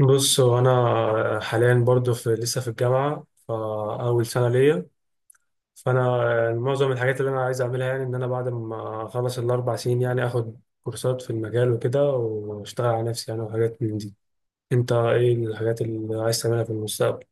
بص، هو انا حاليا برضو لسه في الجامعه، فاول سنه ليا. فانا معظم الحاجات اللي انا عايز اعملها، يعني ان انا بعد ما اخلص 4 سنين يعني اخد كورسات في المجال وكده واشتغل على نفسي يعني، وحاجات من دي. انت ايه الحاجات اللي عايز تعملها في المستقبل؟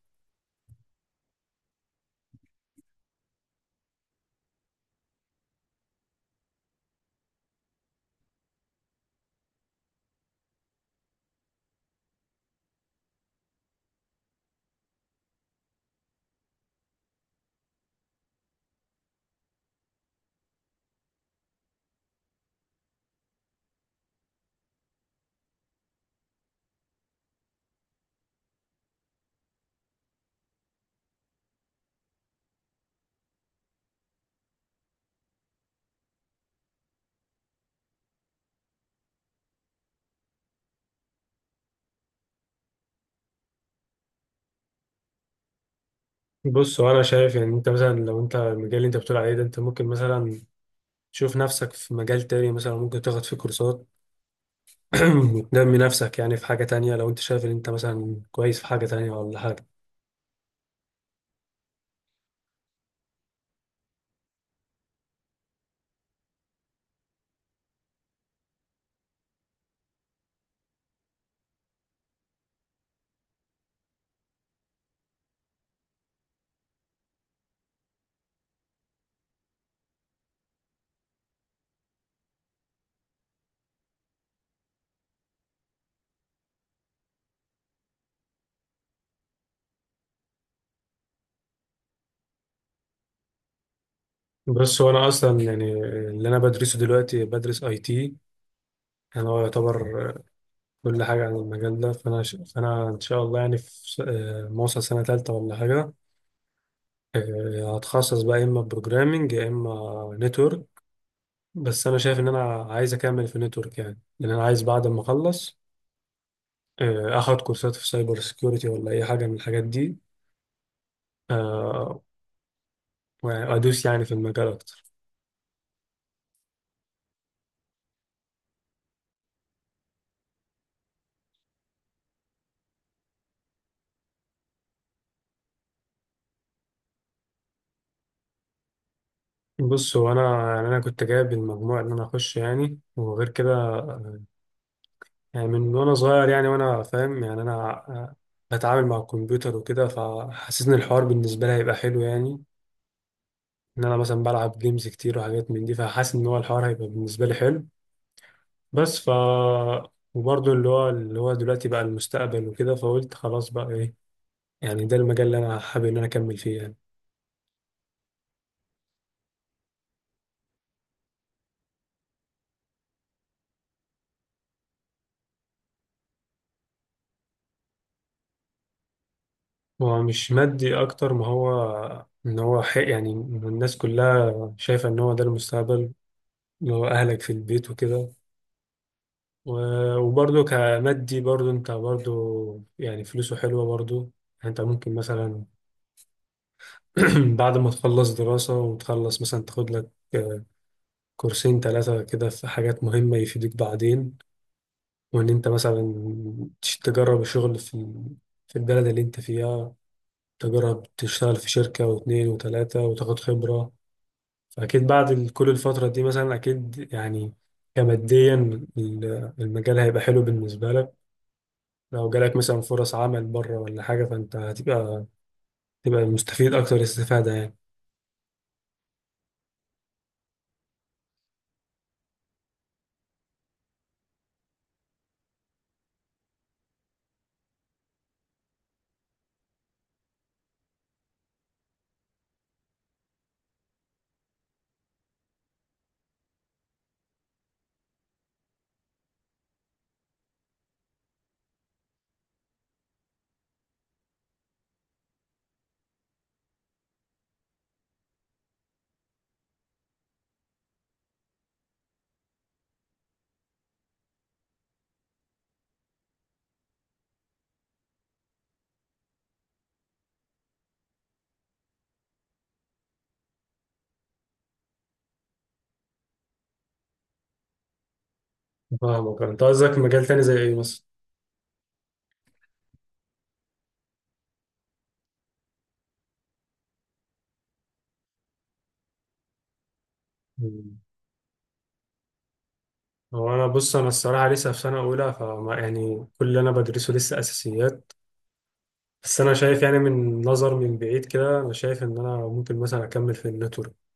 بص، هو انا شايف يعني انت مثلا لو انت المجال اللي انت بتقول عليه ده، انت ممكن مثلا تشوف نفسك في مجال تاني، مثلا ممكن تاخد فيه كورسات وتنمي نفسك يعني في حاجه تانية، لو انت شايف ان انت مثلا كويس في حاجه تانية ولا حاجه. بس وانا اصلا يعني اللي انا بدرسه دلوقتي بدرس اي تي. انا هو يعتبر كل حاجه عن المجال ده. فانا ان شاء الله يعني في س- آه، ما اوصل سنه ثالثه ولا حاجه، هتخصص بقى يا اما بروجرامنج يا اما نتورك. بس انا شايف ان انا عايز اكمل في نتورك يعني، لان انا عايز بعد ما اخلص اخد كورسات في سايبر سيكيورتي ولا اي حاجه من الحاجات دي، آه، وادوس يعني في المجال اكتر. بص، هو انا يعني انا كنت جايب المجموع ان انا اخش يعني، وغير كده يعني من وانا صغير يعني وانا فاهم يعني انا آه، بتعامل مع الكمبيوتر وكده، فحاسس ان الحوار بالنسبه لي هيبقى حلو يعني. ان انا مثلا بلعب جيمز كتير وحاجات من دي، فحاسس ان هو الحوار هيبقى بالنسبه لي حلو. بس ف وبرضه اللي هو دلوقتي بقى المستقبل وكده، فقلت خلاص بقى ايه، يعني ده المجال اللي انا حابب ان انا اكمل فيه يعني. هو مش مادي اكتر ما هو ان هو حق، يعني الناس كلها شايفه ان هو ده المستقبل، اللي هو اهلك في البيت وكده. وبرضه كمادي برضه، انت برضه يعني فلوسه حلوة برضه يعني. انت ممكن مثلا بعد ما تخلص دراسة وتخلص مثلا تاخد لك 2 3 كورسات كده في حاجات مهمة يفيدوك بعدين. وان انت مثلا تجرب الشغل في البلد اللي انت فيها، تجرب تشتغل في شركة و2 و3 وتاخد خبرة. فأكيد بعد كل الفترة دي مثلا، أكيد يعني كماديا المجال هيبقى حلو بالنسبة لك. لو جالك مثلا فرص عمل بره ولا حاجة، فأنت تبقى مستفيد أكتر استفادة يعني. فاهمك، أنت قصدك مجال تاني زي إيه مثلا؟ مم. هو أنا، بص، أنا الصراحة لسه في سنة أولى، فما يعني كل اللي أنا بدرسه لسه أساسيات. بس أنا شايف يعني من نظر من بعيد كده، أنا شايف إن أنا ممكن مثلا أكمل في النتورك.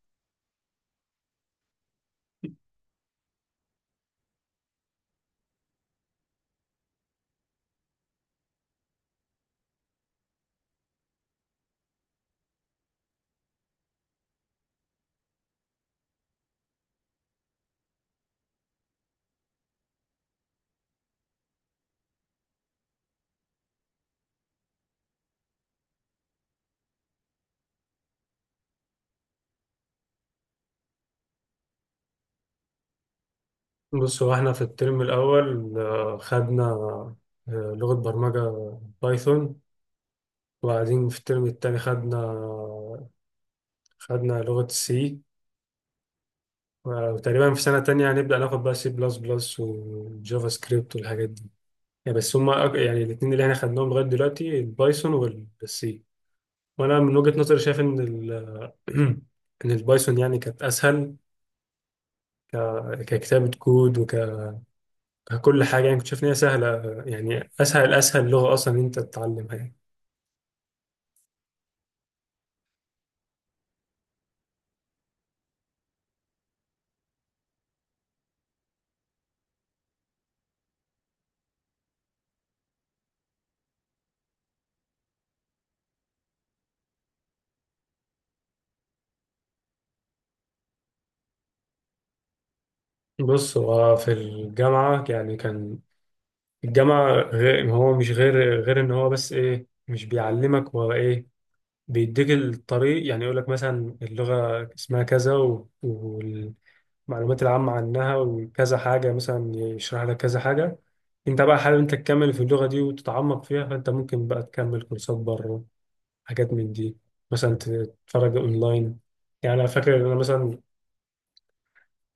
بص، هو إحنا في الترم الأول خدنا لغة برمجة بايثون، وبعدين في الترم التاني خدنا لغة سي، وتقريبا في سنة تانية هنبدأ ناخد بقى سي بلس بلس وجافا سكريبت والحاجات دي يعني. بس هما يعني الاتنين اللي احنا خدناهم لغاية دلوقتي، البايثون والسي، وأنا من وجهة نظري شايف إن البايثون يعني كانت أسهل ككتابة كود وككل حاجة يعني. كنت شايف إن هي سهلة يعني، أسهل لغة أصلا إن أنت تتعلمها يعني. بص، هو في الجامعة يعني كان الجامعة غير، هو مش غير إن هو بس إيه، مش بيعلمك هو إيه، بيديك الطريق يعني. يقول لك مثلا اللغة اسمها كذا والمعلومات العامة عنها وكذا حاجة، مثلا يشرح لك كذا حاجة. انت بقى حابب انت تكمل في اللغة دي وتتعمق فيها، فانت ممكن بقى تكمل كورسات بره، حاجات من دي، مثلا تتفرج اونلاين. يعني انا فاكر ان انا مثلا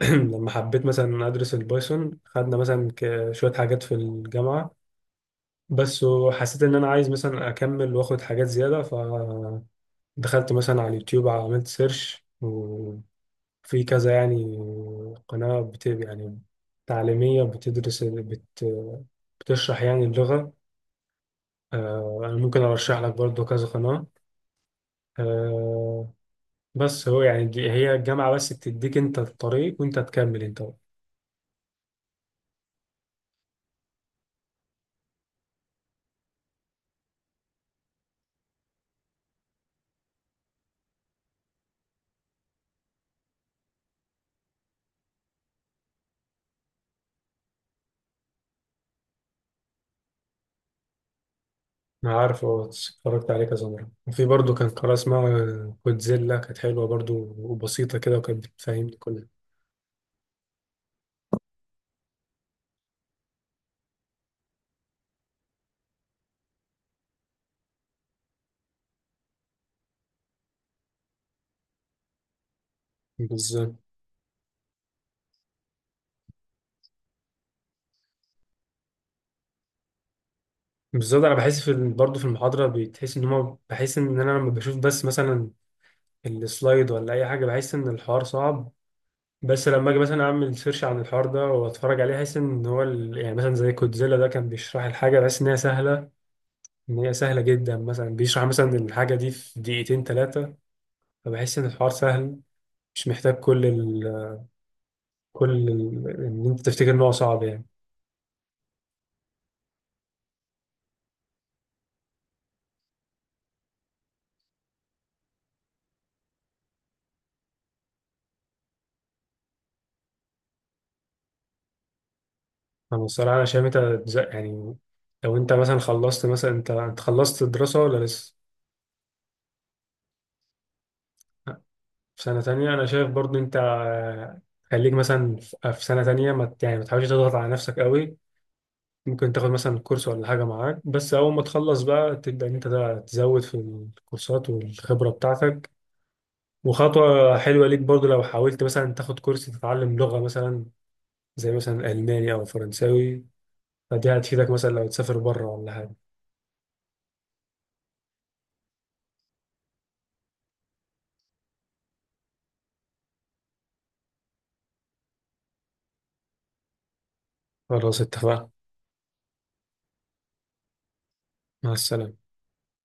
لما حبيت مثلا ادرس البايثون، خدنا مثلا شوية حاجات في الجامعة بس، وحسيت ان انا عايز مثلا اكمل واخد حاجات زيادة، دخلت مثلا على اليوتيوب عملت سيرش، وفي كذا يعني قناة بت يعني تعليمية بتدرس بت، بتشرح يعني اللغة. أنا ممكن أرشح لك برضو كذا قناة. آه، بس هو يعني هي الجامعة بس بتديك أنت الطريق، وأنت تكمل أنت بقى. أنا عارف، أه، اتفرجت عليه كذا مرة، وفي برضو كان قناة اسمها كودزيلا كانت حلوة برضو وبسيطة كده، وكانت بتفهمني كل بالظبط بالظبط. انا بحس برضه في المحاضره بتحس ان هما، بحس ان انا لما بشوف بس مثلا السلايد ولا اي حاجه، بحس ان الحوار صعب. بس لما اجي مثلا اعمل سيرش عن الحوار ده واتفرج عليه، احس ان هو يعني مثلا زي كودزيلا ده، كان بيشرح الحاجه بحس ان هي سهله، ان هي سهله جدا. مثلا بيشرح مثلا الحاجه دي في 2 3 دقايق، فبحس ان الحوار سهل، مش محتاج كل ال ان انت تفتكر ان هو صعب يعني. انا الصراحه انا شايف انت يعني لو انت مثلا خلصت، مثلا انت خلصت الدراسه ولا لسه؟ في سنة تانية أنا شايف برضو أنت، خليك مثلا في سنة تانية، ما ت- يعني ما تحاولش تضغط على نفسك قوي. ممكن تاخد مثلا كورس ولا حاجة معاك بس، أول ما تخلص بقى تبدأ إن أنت ده تزود في الكورسات والخبرة بتاعتك. وخطوة حلوة ليك برضو لو حاولت مثلا تاخد كورس تتعلم لغة، مثلا زي مثلا ألماني أو فرنساوي، فدي هتفيدك مثلا لو تسافر بره ولا حاجة. خلاص اتفقنا، مع السلامة.